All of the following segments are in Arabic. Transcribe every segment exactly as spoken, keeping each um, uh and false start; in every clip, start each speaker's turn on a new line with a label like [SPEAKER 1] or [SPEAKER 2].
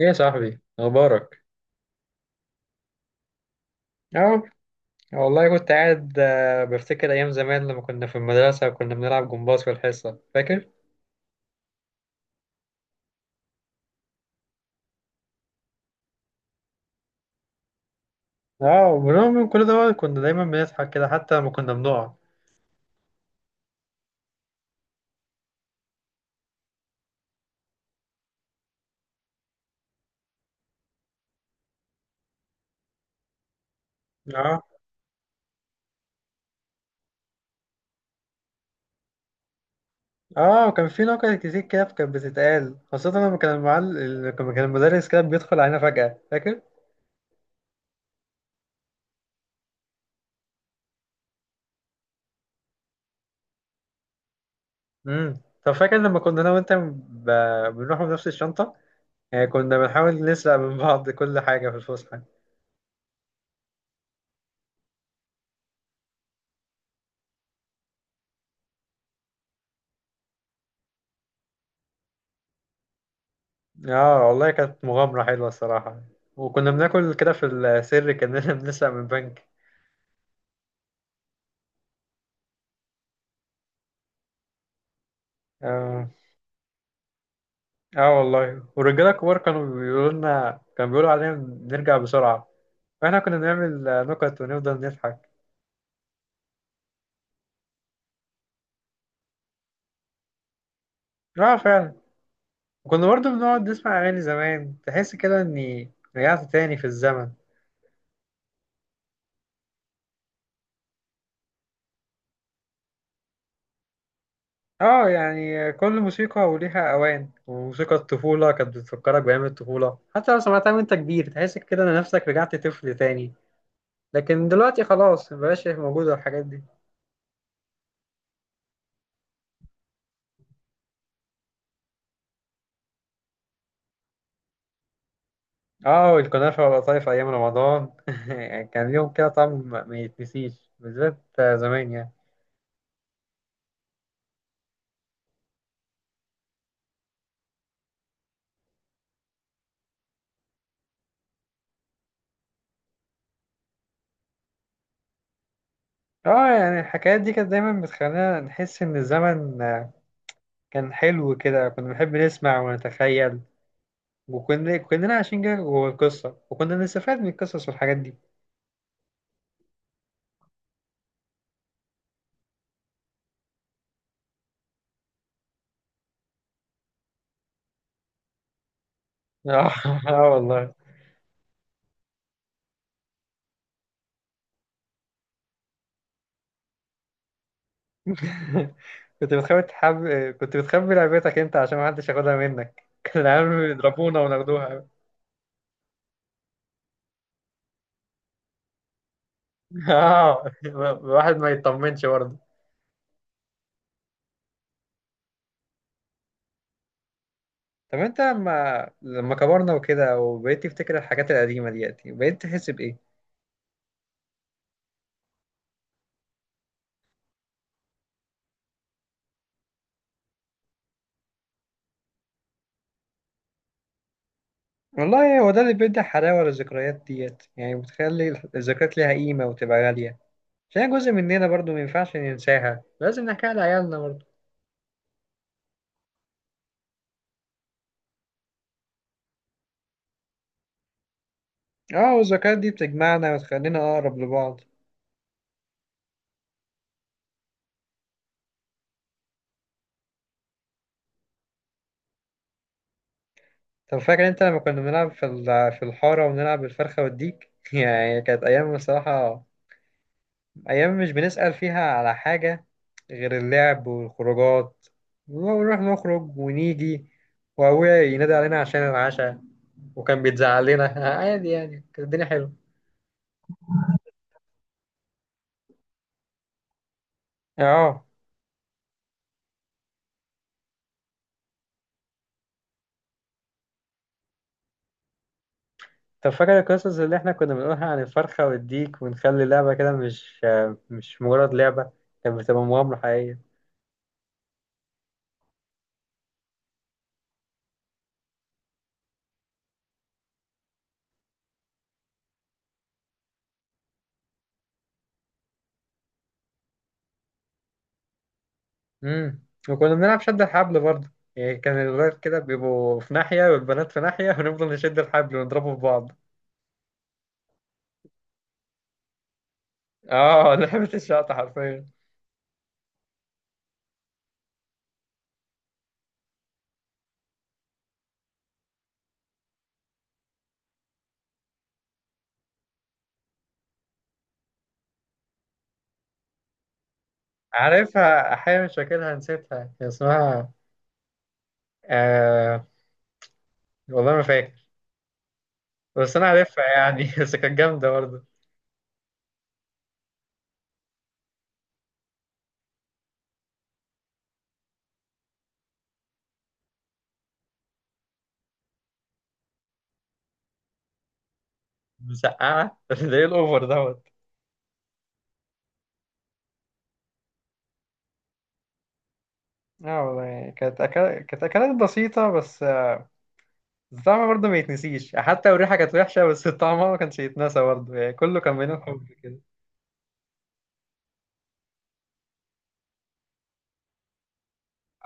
[SPEAKER 1] ايه يا صاحبي اخبارك؟ اه. والله كنت قاعد آه، بفتكر ايام زمان لما كنا في المدرسه وكنا بنلعب جمباز في الحصه، فاكر؟ اه، وبرغم من كل ده كنا دايما بنضحك كده حتى لما كنا بنقع. اه. اه. وكان في نكت كتير كده كانت بتتقال، خاصه لما كان المعلم لما كان المدرس كده بيدخل علينا فجاه، فاكر؟ امم طب فاكر لما كنا انا وانت ب... بنروح بنفس الشنطه؟ يعني كنا بنحاول نسرق من بعض كل حاجه في الفسحه. اه، والله كانت مغامرة حلوة الصراحة. وكنا بناكل كده في السر كأننا بنسرق من بنك. اه. اه، والله. والرجالة الكبار كانوا بيقولوا لنا كانوا بيقولوا علينا نرجع بسرعة. فاحنا كنا بنعمل آه، نكت ونفضل نضحك. اه فعلا. وكنا برضه بنقعد نسمع أغاني زمان، تحس كده إني رجعت تاني في الزمن. اه، يعني كل موسيقى وليها أوان، وموسيقى الطفولة كانت بتفكرك بأيام الطفولة. حتى لو سمعتها وأنت كبير تحس كده إن نفسك رجعت طفل تاني. لكن دلوقتي خلاص، مبقاش موجودة الحاجات دي. اه، الكنافة والقطايف أيام رمضان كان ليهم كده طعم ما يتنسيش، بالذات زمان يعني. اه، يعني الحكايات دي كانت دايما بتخلينا نحس إن الزمن كان حلو كده. كنا بنحب نسمع ونتخيل، وكنا كلنا عايشين كده جوه القصة، وكنا بنستفاد من القصص والحاجات دي. اه. اه والله. كنت بتخبي تحب... كنت بتخبي لعبتك انت عشان محدش ياخدها منك، كانوا العيال بيضربونا وناخدوها. اه، الواحد ما يطمنش برضه. طب انت لما لما كبرنا وكده وبقيت تفتكر الحاجات القديمة ديت، بقيت تحس بإيه؟ والله هو ده اللي بيدي حلاوة للذكريات ديت، يعني بتخلي الذكريات ليها قيمة وتبقى غالية، عشان جزء مننا برضه ما ينفعش ننساها، لازم نحكيها لعيالنا برضه. اه، والذكريات دي بتجمعنا وتخلينا أقرب لبعض. طب فاكر انت لما كنا بنلعب في ال- في الحارة ونلعب بالفرخة والديك؟ يعني كانت أيام بصراحة، أيام مش بنسأل فيها على حاجة غير اللعب والخروجات. ونروح نخرج ونيجي وأبويا ينادي علينا عشان العشاء، وكان بيتزعل لنا عادي. يعني كانت الدنيا حلوة. اه. طب فاكر القصص اللي احنا كنا بنقولها عن الفرخة والديك، ونخلي اللعبة كده مش مش مجرد لعبة، كانت بتبقى مغامرة حقيقية. امم. وكنا بنلعب شد الحبل برضه، يعني كان الولاد كده بيبقوا في ناحية والبنات في ناحية، ونفضل نشد الحبل ونضربه في بعض. اه، لعبة الشقطة حرفيا. عارفها أحيانا، مش فاكرها، نسيتها. كان اسمها آه والله ما فاكر، بس أنا عارفها يعني. بس كانت جامدة برضه. مسقعة! ده إيه الأوفر دوت اه والله، يعني كانت أكل... كانت أكلات بسيطة، بس آه، الطعم برضه ما يتنسيش. حتى لو الريحة كانت وحشة، بس الطعم ما كانش يتنسى برضه، يعني كله كان بينهم حب كده.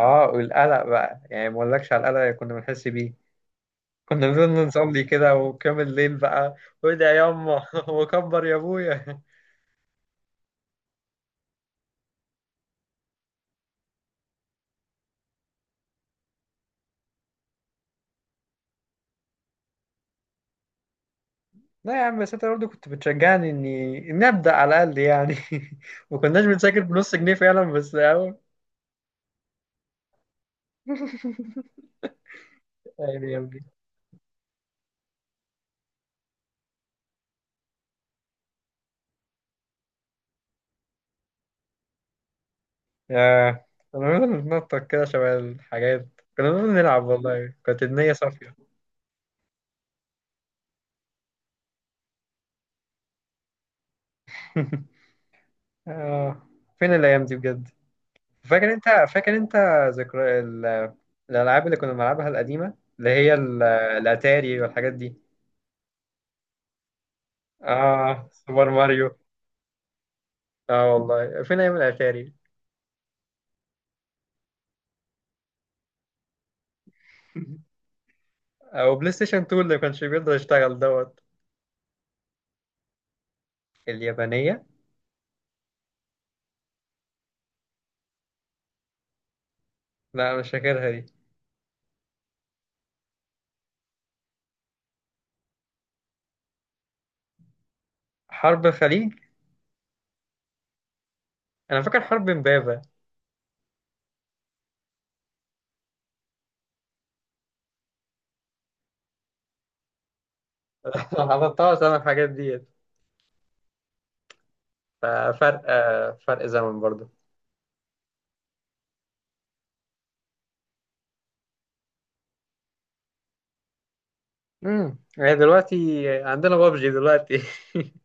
[SPEAKER 1] اه، والقلق بقى، يعني ما اقولكش على القلق اللي كنا بنحس بيه. كنا بنقول نصلي كده وكامل الليل بقى، وادعي يا يما وكبر يا ابويا. لا يا عم، بس انت برضه كنت بتشجعني اني اني ابدا على الاقل يعني. ما كناش بنذاكر بنص جنيه فعلا، بس اهو. يعني يا ابني، ياه، كنا بنفضل نتنطط كده شبه الحاجات، كنا بنفضل نلعب. والله كانت النية صافية. آه. فين الأيام دي بجد؟ فاكر أنت فاكر أنت ذكرى ال- الألعاب اللي كنا بنلعبها القديمة، اللي هي ال- الأتاري والحاجات دي. آه، سوبر ماريو. آه والله، فين أيام الأتاري، أو بلاي ستيشن اتنين اللي ما كانش بيقدر يشتغل دوت اليابانية. لا، مش فاكرها دي. حرب الخليج؟ أنا فاكر حرب إمبابة. حضرتها بسبب الحاجات ديت، ففرق آه، فرق زمن برضه. امم هي دلوقتي عندنا بابجي دلوقتي.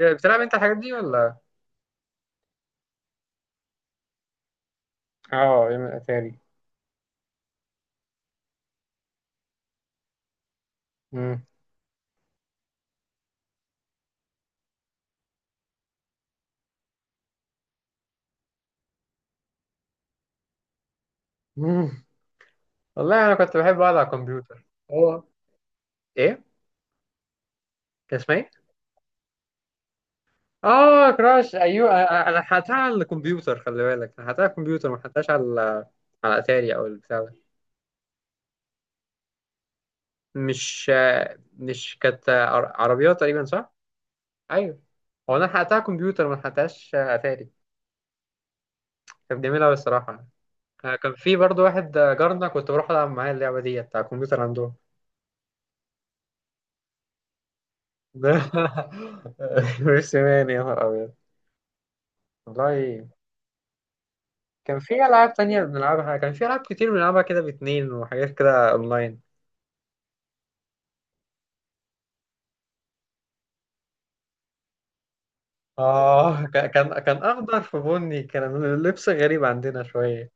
[SPEAKER 1] بتلعب أنت الحاجات دي ولا؟ اه، يوم الأتاري. امم أمم. والله أنا كنت بحب أقعد على الكمبيوتر. هو إيه؟ كان اسمها إيه؟ آه كراش! أيوه، أنا أنا حقتها على الكمبيوتر، خلي بالك، أنا حقتها على الكمبيوتر، ما حقتهاش على على أتاري أو البتاع ده. مش مش كانت عر- عربيات تقريبا، صح؟ ايوه. هو انا حققتها كمبيوتر، ما حققتهاش اتاري. كانت جميله أوي الصراحه يعني. آه، كان في برضو واحد جارنا كنت بروح العب معاه اللعبه دي بتاع الكمبيوتر عندهم. ميرسي مان، يا نهار ابيض والله. كان في العاب تانية بنلعبها، كان في العاب كتير بنلعبها كده باتنين، وحاجات كده اونلاين. اه، ك- كان كان اخضر في بني، كان اللبس غريب عندنا شويه.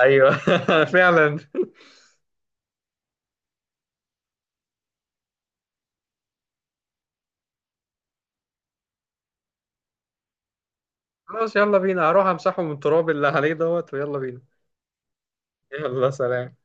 [SPEAKER 1] ايوه. فعلا. خلاص يلا بينا، هروح امسحه من التراب اللي عليه دوت ويلا بينا. يلا، سلام.